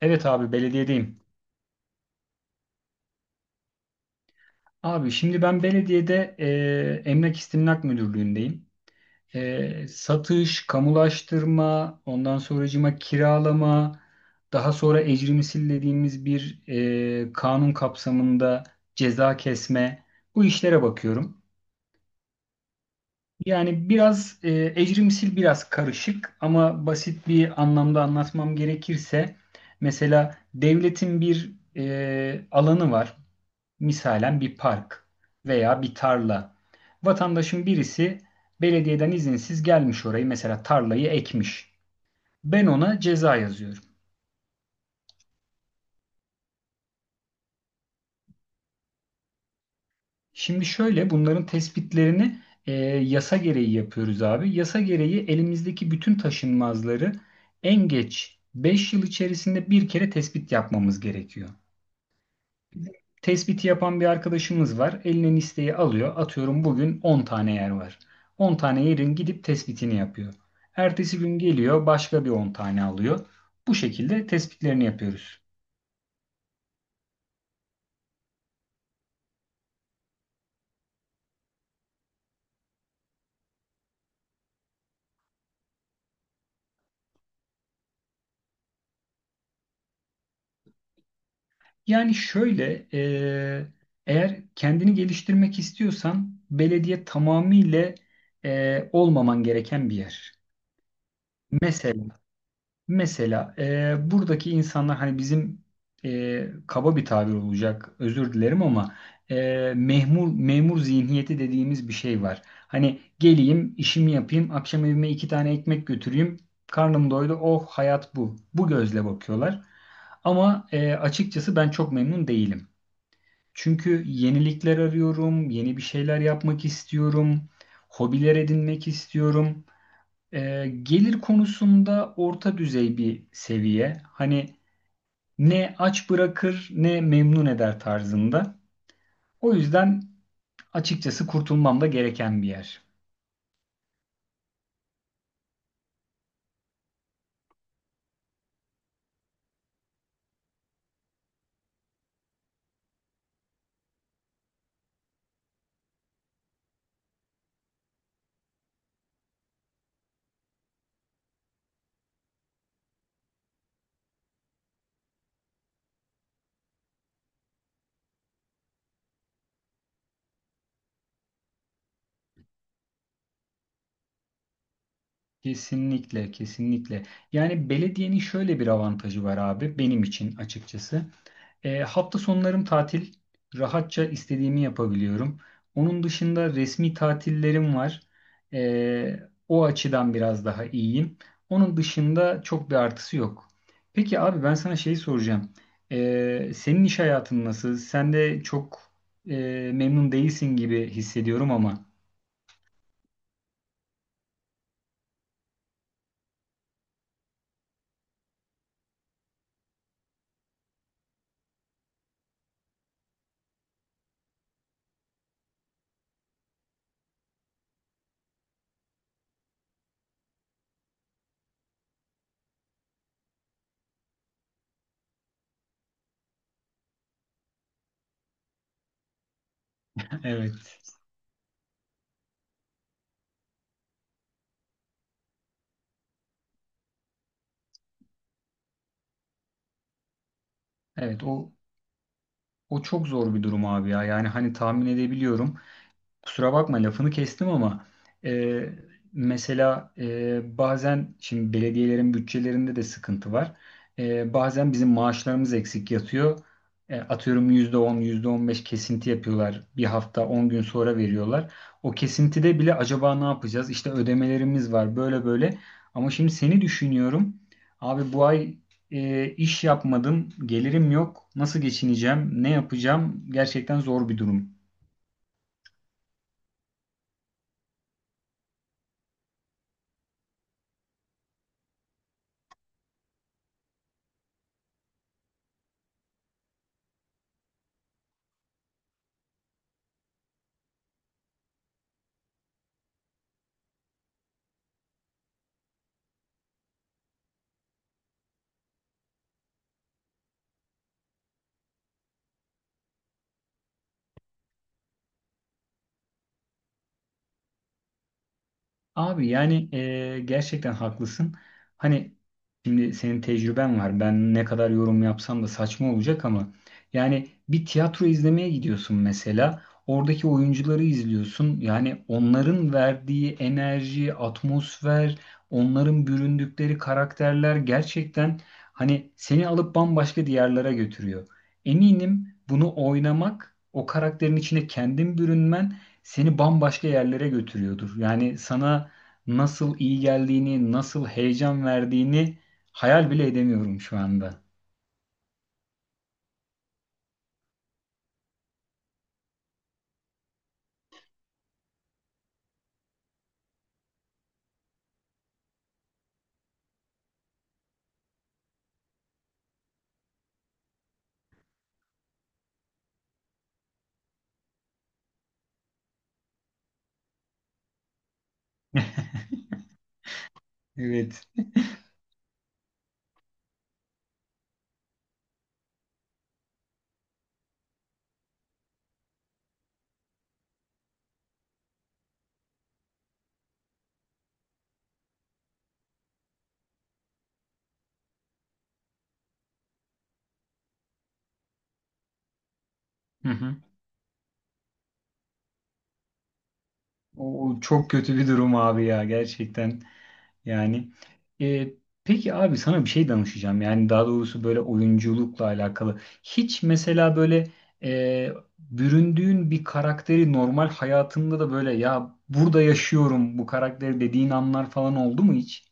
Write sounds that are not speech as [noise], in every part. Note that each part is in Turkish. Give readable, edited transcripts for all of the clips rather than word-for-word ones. Evet abi belediyedeyim. Abi şimdi ben belediyede Emlak İstimlak Müdürlüğü'ndeyim. Satış, kamulaştırma, ondan sonracıma kiralama, daha sonra ecrimsil dediğimiz bir kanun kapsamında ceza kesme bu işlere bakıyorum. Yani biraz ecrimsil biraz karışık ama basit bir anlamda anlatmam gerekirse mesela devletin bir alanı var. Misalen bir park veya bir tarla. Vatandaşın birisi belediyeden izinsiz gelmiş orayı mesela tarlayı ekmiş. Ben ona ceza yazıyorum. Şimdi şöyle bunların tespitlerini yasa gereği yapıyoruz abi. Yasa gereği elimizdeki bütün taşınmazları en geç 5 yıl içerisinde bir kere tespit yapmamız gerekiyor. Tespiti yapan bir arkadaşımız var. Eline listeyi alıyor. Atıyorum bugün 10 tane yer var. 10 tane yerin gidip tespitini yapıyor. Ertesi gün geliyor başka bir 10 tane alıyor. Bu şekilde tespitlerini yapıyoruz. Yani şöyle eğer kendini geliştirmek istiyorsan belediye tamamıyla olmaman gereken bir yer. Mesela Mesela buradaki insanlar hani bizim kaba bir tabir olacak özür dilerim ama e, memur memur zihniyeti dediğimiz bir şey var. Hani geleyim işimi yapayım akşam evime iki tane ekmek götüreyim karnım doydu oh hayat bu. Bu gözle bakıyorlar. Ama açıkçası ben çok memnun değilim. Çünkü yenilikler arıyorum, yeni bir şeyler yapmak istiyorum, hobiler edinmek istiyorum. Gelir konusunda orta düzey bir seviye. Hani ne aç bırakır ne memnun eder tarzında. O yüzden açıkçası kurtulmam da gereken bir yer. Kesinlikle, kesinlikle. Yani belediyenin şöyle bir avantajı var abi benim için açıkçası. Hafta sonlarım tatil. Rahatça istediğimi yapabiliyorum. Onun dışında resmi tatillerim var. E, o açıdan biraz daha iyiyim. Onun dışında çok bir artısı yok. Peki abi ben sana şey soracağım. Senin iş hayatın nasıl? Sen de çok memnun değilsin gibi hissediyorum ama. [laughs] Evet. Evet, o çok zor bir durum abi ya. Yani hani tahmin edebiliyorum. Kusura bakma lafını kestim ama e, mesela bazen şimdi belediyelerin bütçelerinde de sıkıntı var. Bazen bizim maaşlarımız eksik yatıyor. Atıyorum %10 %15 kesinti yapıyorlar. Bir hafta 10 gün sonra veriyorlar. O kesintide bile acaba ne yapacağız? İşte ödemelerimiz var böyle böyle. Ama şimdi seni düşünüyorum. Abi bu ay iş yapmadım, gelirim yok. Nasıl geçineceğim, ne yapacağım? Gerçekten zor bir durum. Abi yani gerçekten haklısın. Hani şimdi senin tecrüben var. Ben ne kadar yorum yapsam da saçma olacak ama yani bir tiyatro izlemeye gidiyorsun mesela. Oradaki oyuncuları izliyorsun. Yani onların verdiği enerji, atmosfer, onların büründükleri karakterler gerçekten hani seni alıp bambaşka diyarlara götürüyor. Eminim bunu oynamak, o karakterin içine kendin bürünmen seni bambaşka yerlere götürüyordur. Yani sana nasıl iyi geldiğini, nasıl heyecan verdiğini hayal bile edemiyorum şu anda. [laughs] Evet. Hı hı. O, o çok kötü bir durum abi ya gerçekten. Yani e, peki abi sana bir şey danışacağım. Yani daha doğrusu böyle oyunculukla alakalı. Hiç mesela böyle e, büründüğün bir karakteri normal hayatında da böyle ya burada yaşıyorum bu karakteri dediğin anlar falan oldu mu hiç?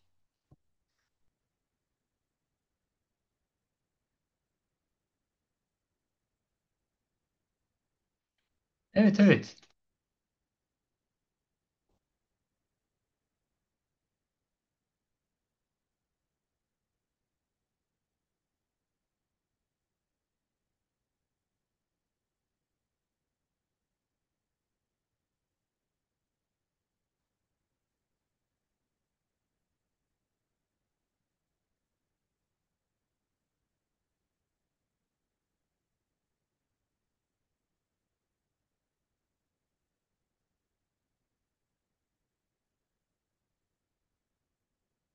Evet evet.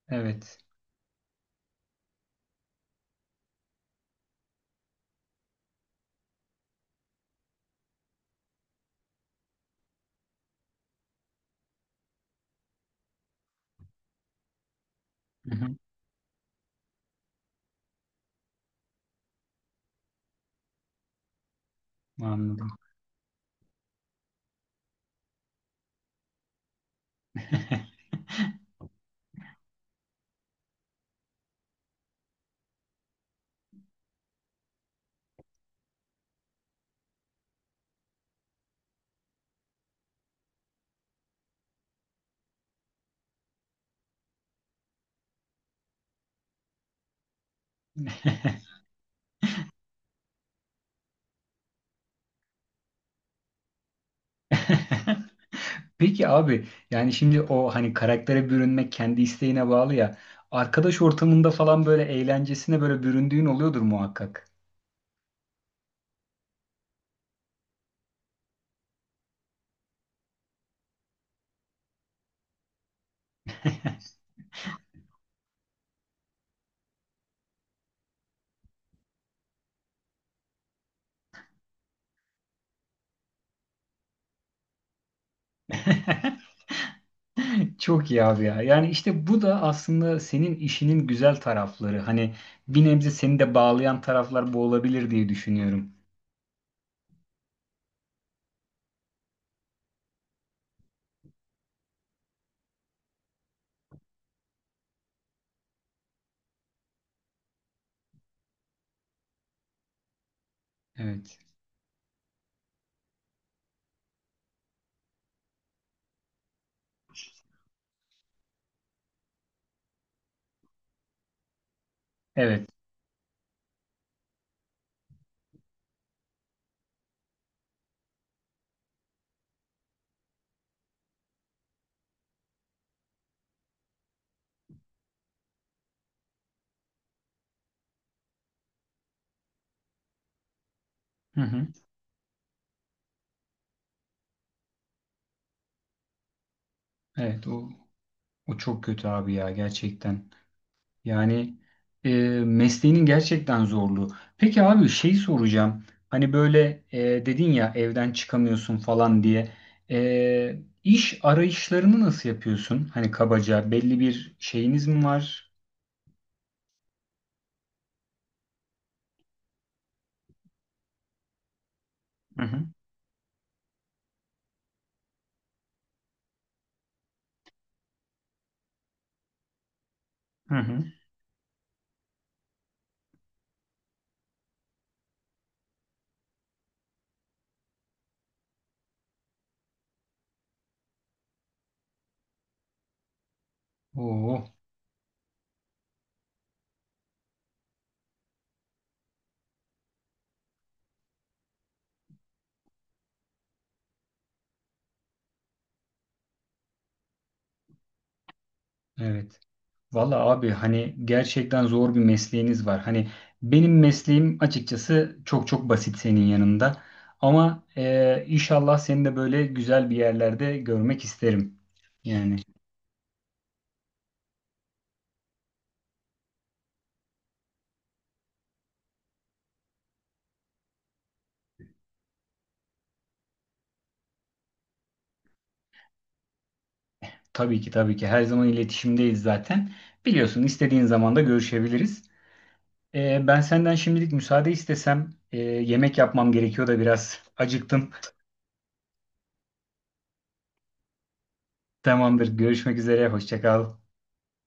Evet. Hı hı. Anladım. [laughs] Peki abi yani şimdi o hani karaktere bürünmek kendi isteğine bağlı ya. Arkadaş ortamında falan böyle eğlencesine böyle büründüğün oluyordur muhakkak. [laughs] Çok iyi abi ya. Yani işte bu da aslında senin işinin güzel tarafları. Hani bir nebze seni de bağlayan taraflar bu olabilir diye düşünüyorum. Evet. Evet. Hı hı. Evet, o, o çok kötü abi ya gerçekten. Yani e, mesleğinin gerçekten zorluğu. Peki abi şey soracağım. Hani böyle dedin ya evden çıkamıyorsun falan diye. İş arayışlarını nasıl yapıyorsun? Hani kabaca belli bir şeyiniz mi var? Hı hı. Hı hı. Oo, evet. Valla abi hani gerçekten zor bir mesleğiniz var. Hani benim mesleğim açıkçası çok çok basit senin yanında. Ama inşallah seni de böyle güzel bir yerlerde görmek isterim. Yani. Tabii ki tabii ki her zaman iletişimdeyiz zaten. Biliyorsun istediğin zaman da görüşebiliriz. Ben senden şimdilik müsaade istesem yemek yapmam gerekiyor da biraz acıktım. [laughs] Tamamdır görüşmek üzere hoşça kal.